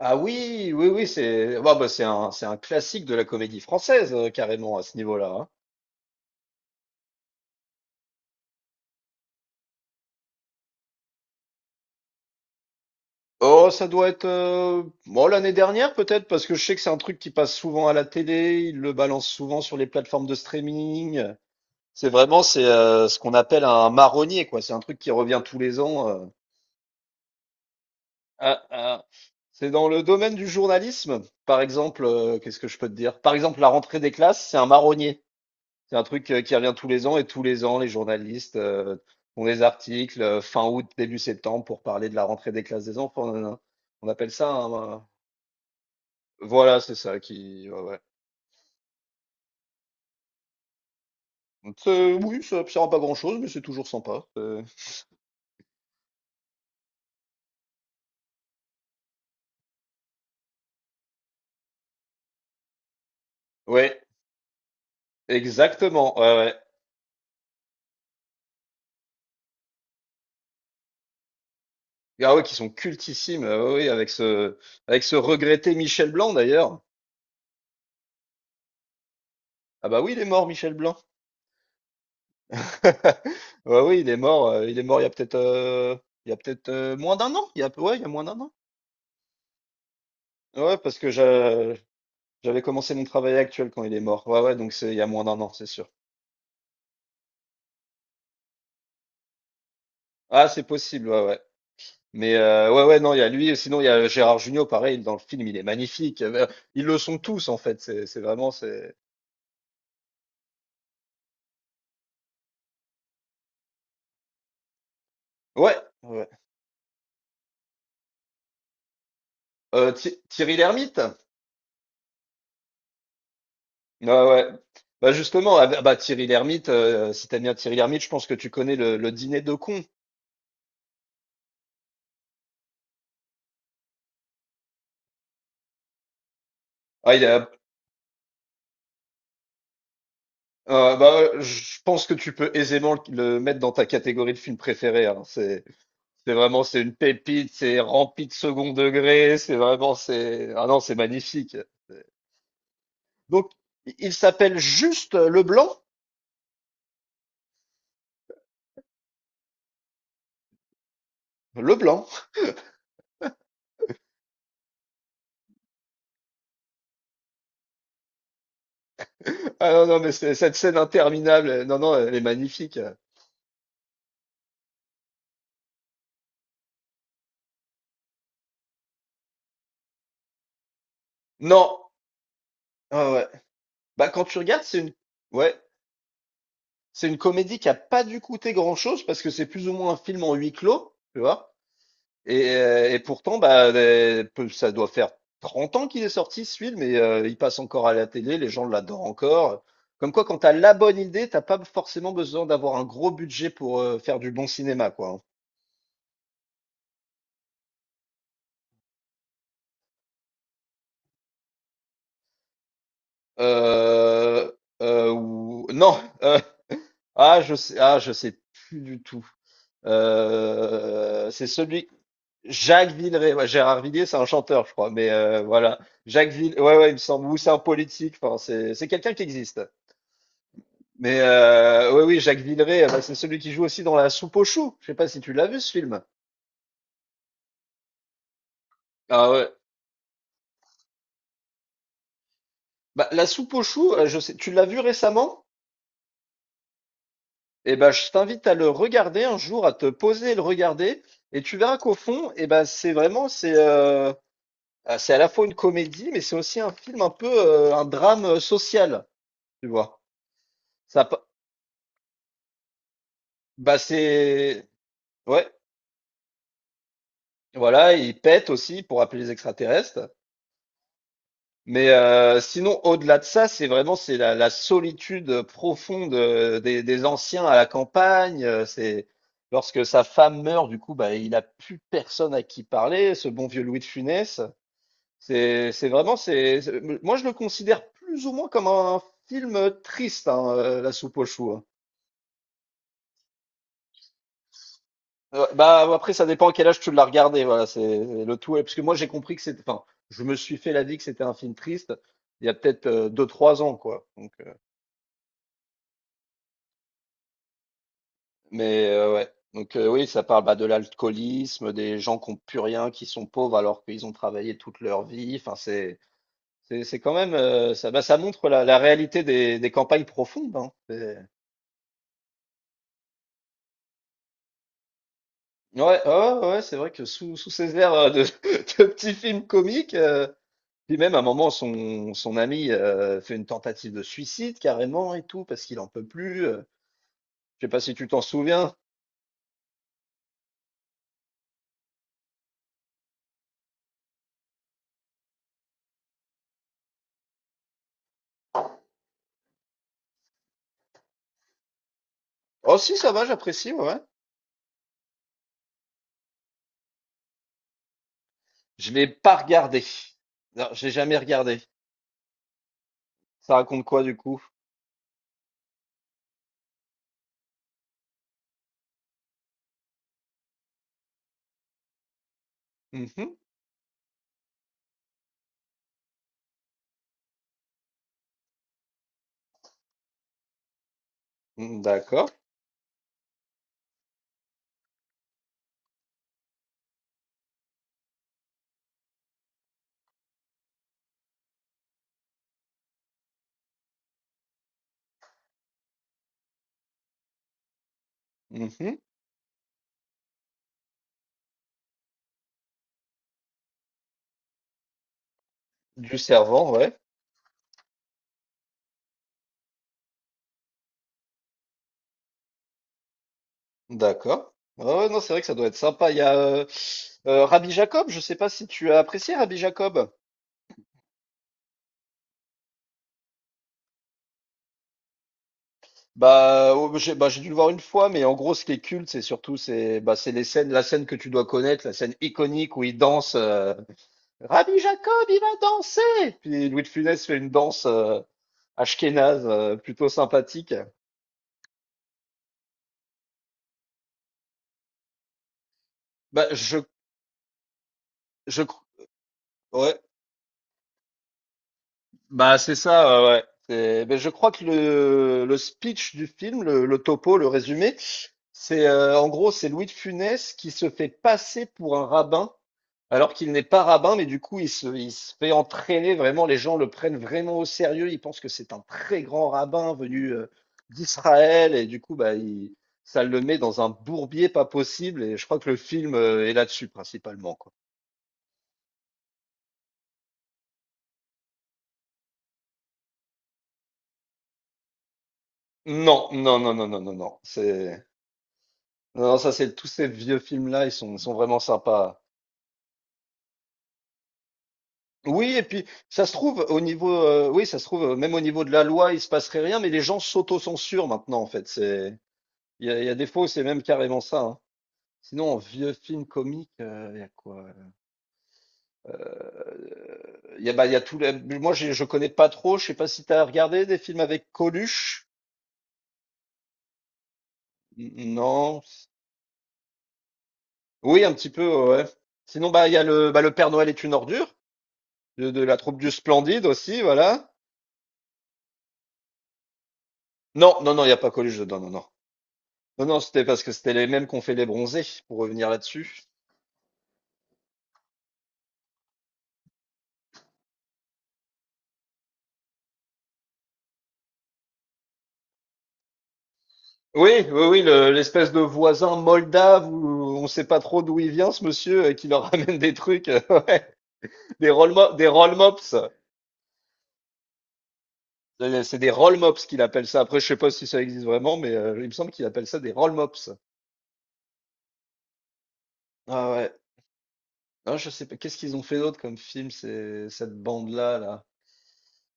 Ah, oui, oui, oui, c'est bah, bah, c'est un classique de la comédie française, carrément, à ce niveau-là, hein. Oh, ça doit être bon, l'année dernière peut-être, parce que je sais que c'est un truc qui passe souvent à la télé, ils le balancent souvent sur les plateformes de streaming. C'est vraiment c'est ce qu'on appelle un marronnier, quoi. C'est un truc qui revient tous les ans. Ah, ah. C'est dans le domaine du journalisme, par exemple, qu'est-ce que je peux te dire? Par exemple, la rentrée des classes, c'est un marronnier. C'est un truc qui revient tous les ans, et tous les ans, les journalistes font des articles fin août, début septembre pour parler de la rentrée des classes des enfants. Nanana. On appelle ça un... Voilà, c'est ça qui. Ouais, ouais. C'est... oui, ça ne sert à pas grand-chose, mais c'est toujours sympa. Ouais, exactement. Ouais, ouais. Ah ouais, qui sont cultissimes. Ouais, ouais, avec ce regretté Michel Blanc d'ailleurs. Ah bah oui, il est mort, Michel Blanc. Ouais, oui, il est mort. Il est mort il y a peut-être, il y a peut-être moins d'un an. Il y a, ouais, il y a moins d'un an. Ouais, j'avais commencé mon travail actuel quand il est mort. Ouais, ouais, donc c'est il y a moins d'un an, c'est sûr. Ah, c'est possible, ouais, ouais. Mais ouais, ouais, non, il y a lui, et sinon il y a Gérard Jugnot, pareil, dans le film, il est magnifique. Ils le sont tous, en fait, c'est vraiment, c'est... Ouais, ouais. Thierry Lhermitte? Ouais, ouais. Bah justement, ah, bah Thierry Lhermitte, si t'aimes bien Thierry Lhermitte, je pense que tu connais le dîner de cons. Ah, il a, bah, je pense que tu peux aisément le mettre dans ta catégorie de film préféré, hein, c'est... C'est vraiment, c'est une pépite, c'est rempli de second degré, c'est vraiment, c'est, ah non, c'est magnifique. Donc, il s'appelle juste Leblanc? Leblanc. Ah non, non, mais c'est- cette scène interminable, non, non, elle est magnifique. Non, ah ouais. Bah, quand tu regardes, c'est une, ouais, c'est une comédie qui a pas dû coûter grand-chose parce que c'est plus ou moins un film en huis clos, tu vois. Et pourtant, bah, ça doit faire 30 ans qu'il est sorti, ce film, et il passe encore à la télé, les gens l'adorent encore. Comme quoi, quand t'as la bonne idée, t'as pas forcément besoin d'avoir un gros budget pour faire du bon cinéma, quoi, hein. Euh, ou... Non, ah, je sais plus du tout. C'est celui... Jacques Villeray, ouais, Gérard Villiers, c'est un chanteur, je crois, mais voilà. Jacques Villeray, ouais, ouais, il me semble, ou c'est un politique, enfin, c'est quelqu'un qui existe. Mais oui, oui, Jacques Villeray, bah, c'est celui qui joue aussi dans La Soupe aux choux. Je sais pas si tu l'as vu, ce film. Ah ouais. Bah, La Soupe aux choux, je sais, tu l'as vu récemment? Eh ben, je t'invite à le regarder un jour, à te poser et le regarder, et tu verras qu'au fond, eh ben, c'est vraiment, c'est, ah, c'est à la fois une comédie, mais c'est aussi un film un peu, un drame social, tu vois. Ça, pa- bah, c'est, ouais, voilà, il pète aussi pour appeler les extraterrestres. Mais sinon, au-delà de ça, c'est vraiment c'est la, la solitude profonde des anciens à la campagne. C'est lorsque sa femme meurt, du coup, bah, il a plus personne à qui parler. Ce bon vieux Louis de Funès. C'est vraiment c'est moi, je le considère plus ou moins comme un film triste, hein, La Soupe aux choux, hein. Bah, après ça dépend à quel âge tu l'as regardé. Voilà, c'est le tout. Ouais, parce que moi j'ai compris que c'était, enfin, je me suis fait la vie que c'était un film triste il y a peut-être deux trois ans, quoi. Mais ouais, donc oui, ça parle bah, de l'alcoolisme, des gens qui n'ont plus rien, qui sont pauvres alors qu'ils ont travaillé toute leur vie. Enfin, c'est quand même ça bah, ça montre la, la réalité des campagnes profondes, hein. C'est- ouais, ouais, ouais, ouais, c'est vrai que sous ces airs de, de petits films comiques, puis même à un moment son ami fait une tentative de suicide carrément et tout parce qu'il en peut plus. Je sais pas si tu t'en souviens. Oh si, ça va, j'apprécie, ouais, ouais. Je l'ai pas regardé. Non, j'ai jamais regardé. Ça raconte quoi, du coup? Mhm. Mm, d'accord. Mhm. Du servant, ouais. D'accord. Ah ouais, non, c'est vrai que ça doit être sympa. Il y a Rabbi Jacob, je sais pas si tu as apprécié Rabbi Jacob. Bah, oh, bah, j'ai dû le voir une fois, mais en gros, ce qui est culte, c'est surtout c'est bah, c'est les scènes, la scène que tu dois connaître, la scène iconique où il danse. Rabbi Jacob, il va danser! Puis Louis de Funès fait une danse ashkénaze plutôt sympathique. Bah, je, je, cr- ouais. Bah, c'est ça, ouais, ouais. C'est- ben, je crois que le speech du film, le topo, le résumé, c'est en gros, c'est Louis de Funès qui se fait passer pour un rabbin, alors qu'il n'est pas rabbin, mais du coup, il se fait entraîner vraiment, les gens le prennent vraiment au sérieux, ils pensent que c'est un très grand rabbin venu d'Israël, et du coup, bah, il- ça le met dans un bourbier pas possible, et je crois que le film est là-dessus principalement, quoi. Non, non, non, non, non, non, non, c'est... Non, ça c'est tous ces vieux films-là, ils sont vraiment sympas. Oui, et puis ça se trouve au niveau, oui, ça se trouve même au niveau de la loi, il se passerait rien, mais les gens s'autocensurent maintenant en fait. C'est, il y a des fois où c'est même carrément ça, hein. Sinon, en vieux film comique, il y a quoi? Il y a, bah, il y a tout. Moi, je connais pas trop. Je sais pas si t'as regardé des films avec Coluche. Non. Oui, un petit peu, ouais. Sinon, bah, il y a le, bah, le Père Noël est une ordure, de la troupe du Splendide aussi, voilà. Non, non, non, il y a pas Coluche dedans, non, non. Non, non, c'était parce que c'était les mêmes qu'ont fait les Bronzés, pour revenir là-dessus. Oui, oui, oui, le- l'espèce de voisin moldave où on sait pas trop d'où il vient, ce monsieur, et qui leur ramène des trucs, ouais, des des roll mops. C'est des roll mops qu'il appelle ça. Après, je sais pas si ça existe vraiment, mais il me semble qu'il appelle ça des roll mops. Ah ouais. Ah, je sais pas. Qu'est-ce qu'ils ont fait d'autre comme film, c'est cette bande-là, là.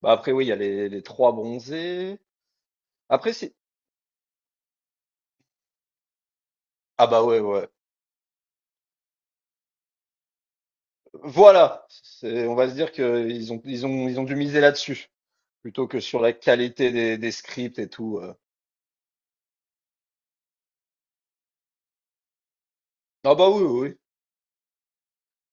Bah après, oui, il y a les trois Bronzés. Après, si. Ah bah ouais, ouais. Voilà, c'est, on va se dire qu'ils ont, ils ont, ils ont dû miser là-dessus, plutôt que sur la qualité des scripts et tout. Ah bah oui, oui, oui.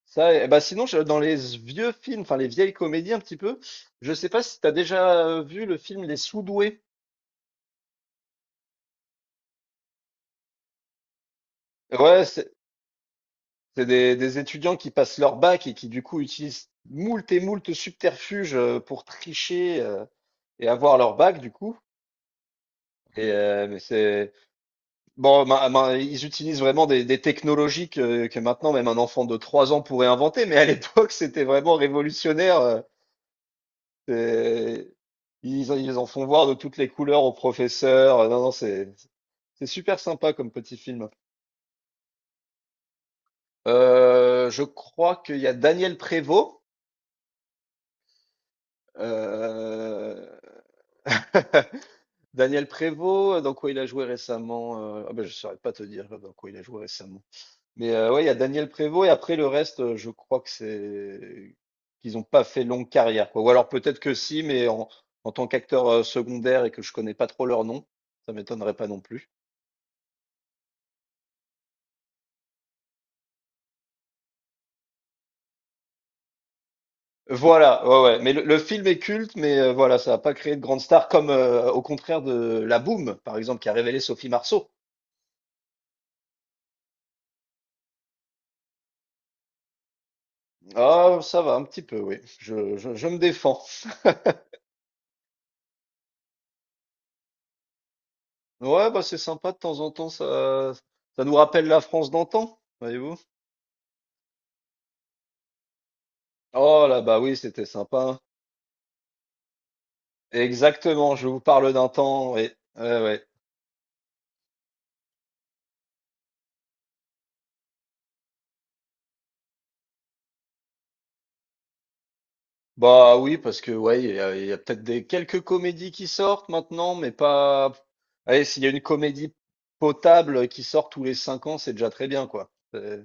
Ça, et bah sinon, je- dans les vieux films, enfin les vieilles comédies un petit peu, je sais pas si t'as déjà vu le film Les Sous-doués. Ouais, c'est des étudiants qui passent leur bac et qui du coup utilisent moult et moult subterfuges pour tricher et avoir leur bac, du coup. Et mais c'est... Bon, ils utilisent vraiment des technologies que maintenant même un enfant de 3 ans pourrait inventer, mais à l'époque c'était vraiment révolutionnaire. C'est- Ils, en- ils en font voir de toutes les couleurs aux professeurs. Non, non, c'est super sympa comme petit film. Je crois qu'il y a Daniel Prévost. euh, Daniel Prévost, dans quoi il a joué récemment? Ah ben, je saurais pas te dire dans quoi il a joué récemment. Mais ouais, il y a Daniel Prévost et après le reste, je crois que c'est qu'ils n'ont pas fait longue carrière, quoi. Ou alors peut-être que si, mais en, en tant qu'acteur secondaire, et que je connais pas trop leur nom, ça m'étonnerait pas non plus. Voilà, ouais, ouais. Mais le film est culte, mais voilà, ça n'a pas créé de grande star, comme au contraire de La Boum, par exemple, qui a révélé Sophie Marceau. Ah, ça va un petit peu, oui. Je me défends. Ouais, bah c'est sympa de temps en temps, ça nous rappelle la France d'antan, voyez-vous. Oh là, bah oui, c'était sympa. Exactement, je vous parle d'un temps, ouais. Ouais, ouais. Bah oui, parce que ouais, il y a peut-être des quelques comédies qui sortent maintenant, mais pas. Allez, s'il y a une comédie potable qui sort tous les 5 ans, c'est déjà très bien, quoi. Euh,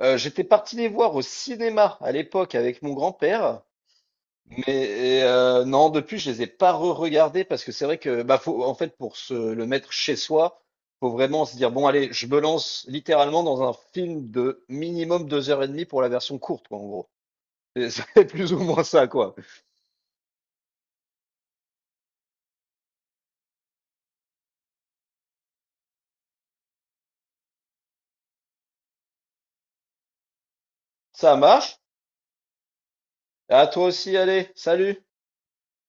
euh, J'étais parti les voir au cinéma à l'époque avec mon grand-père. Mais non, depuis, je les ai pas re-regardés parce que c'est vrai que, bah, faut, en fait, pour se le mettre chez soi, faut vraiment se dire, bon, allez, je me lance littéralement dans un film de minimum 2 h 30 pour la version courte, quoi, en gros. C'est c'est plus ou moins ça, quoi. Ça marche. À toi aussi, allez, salut!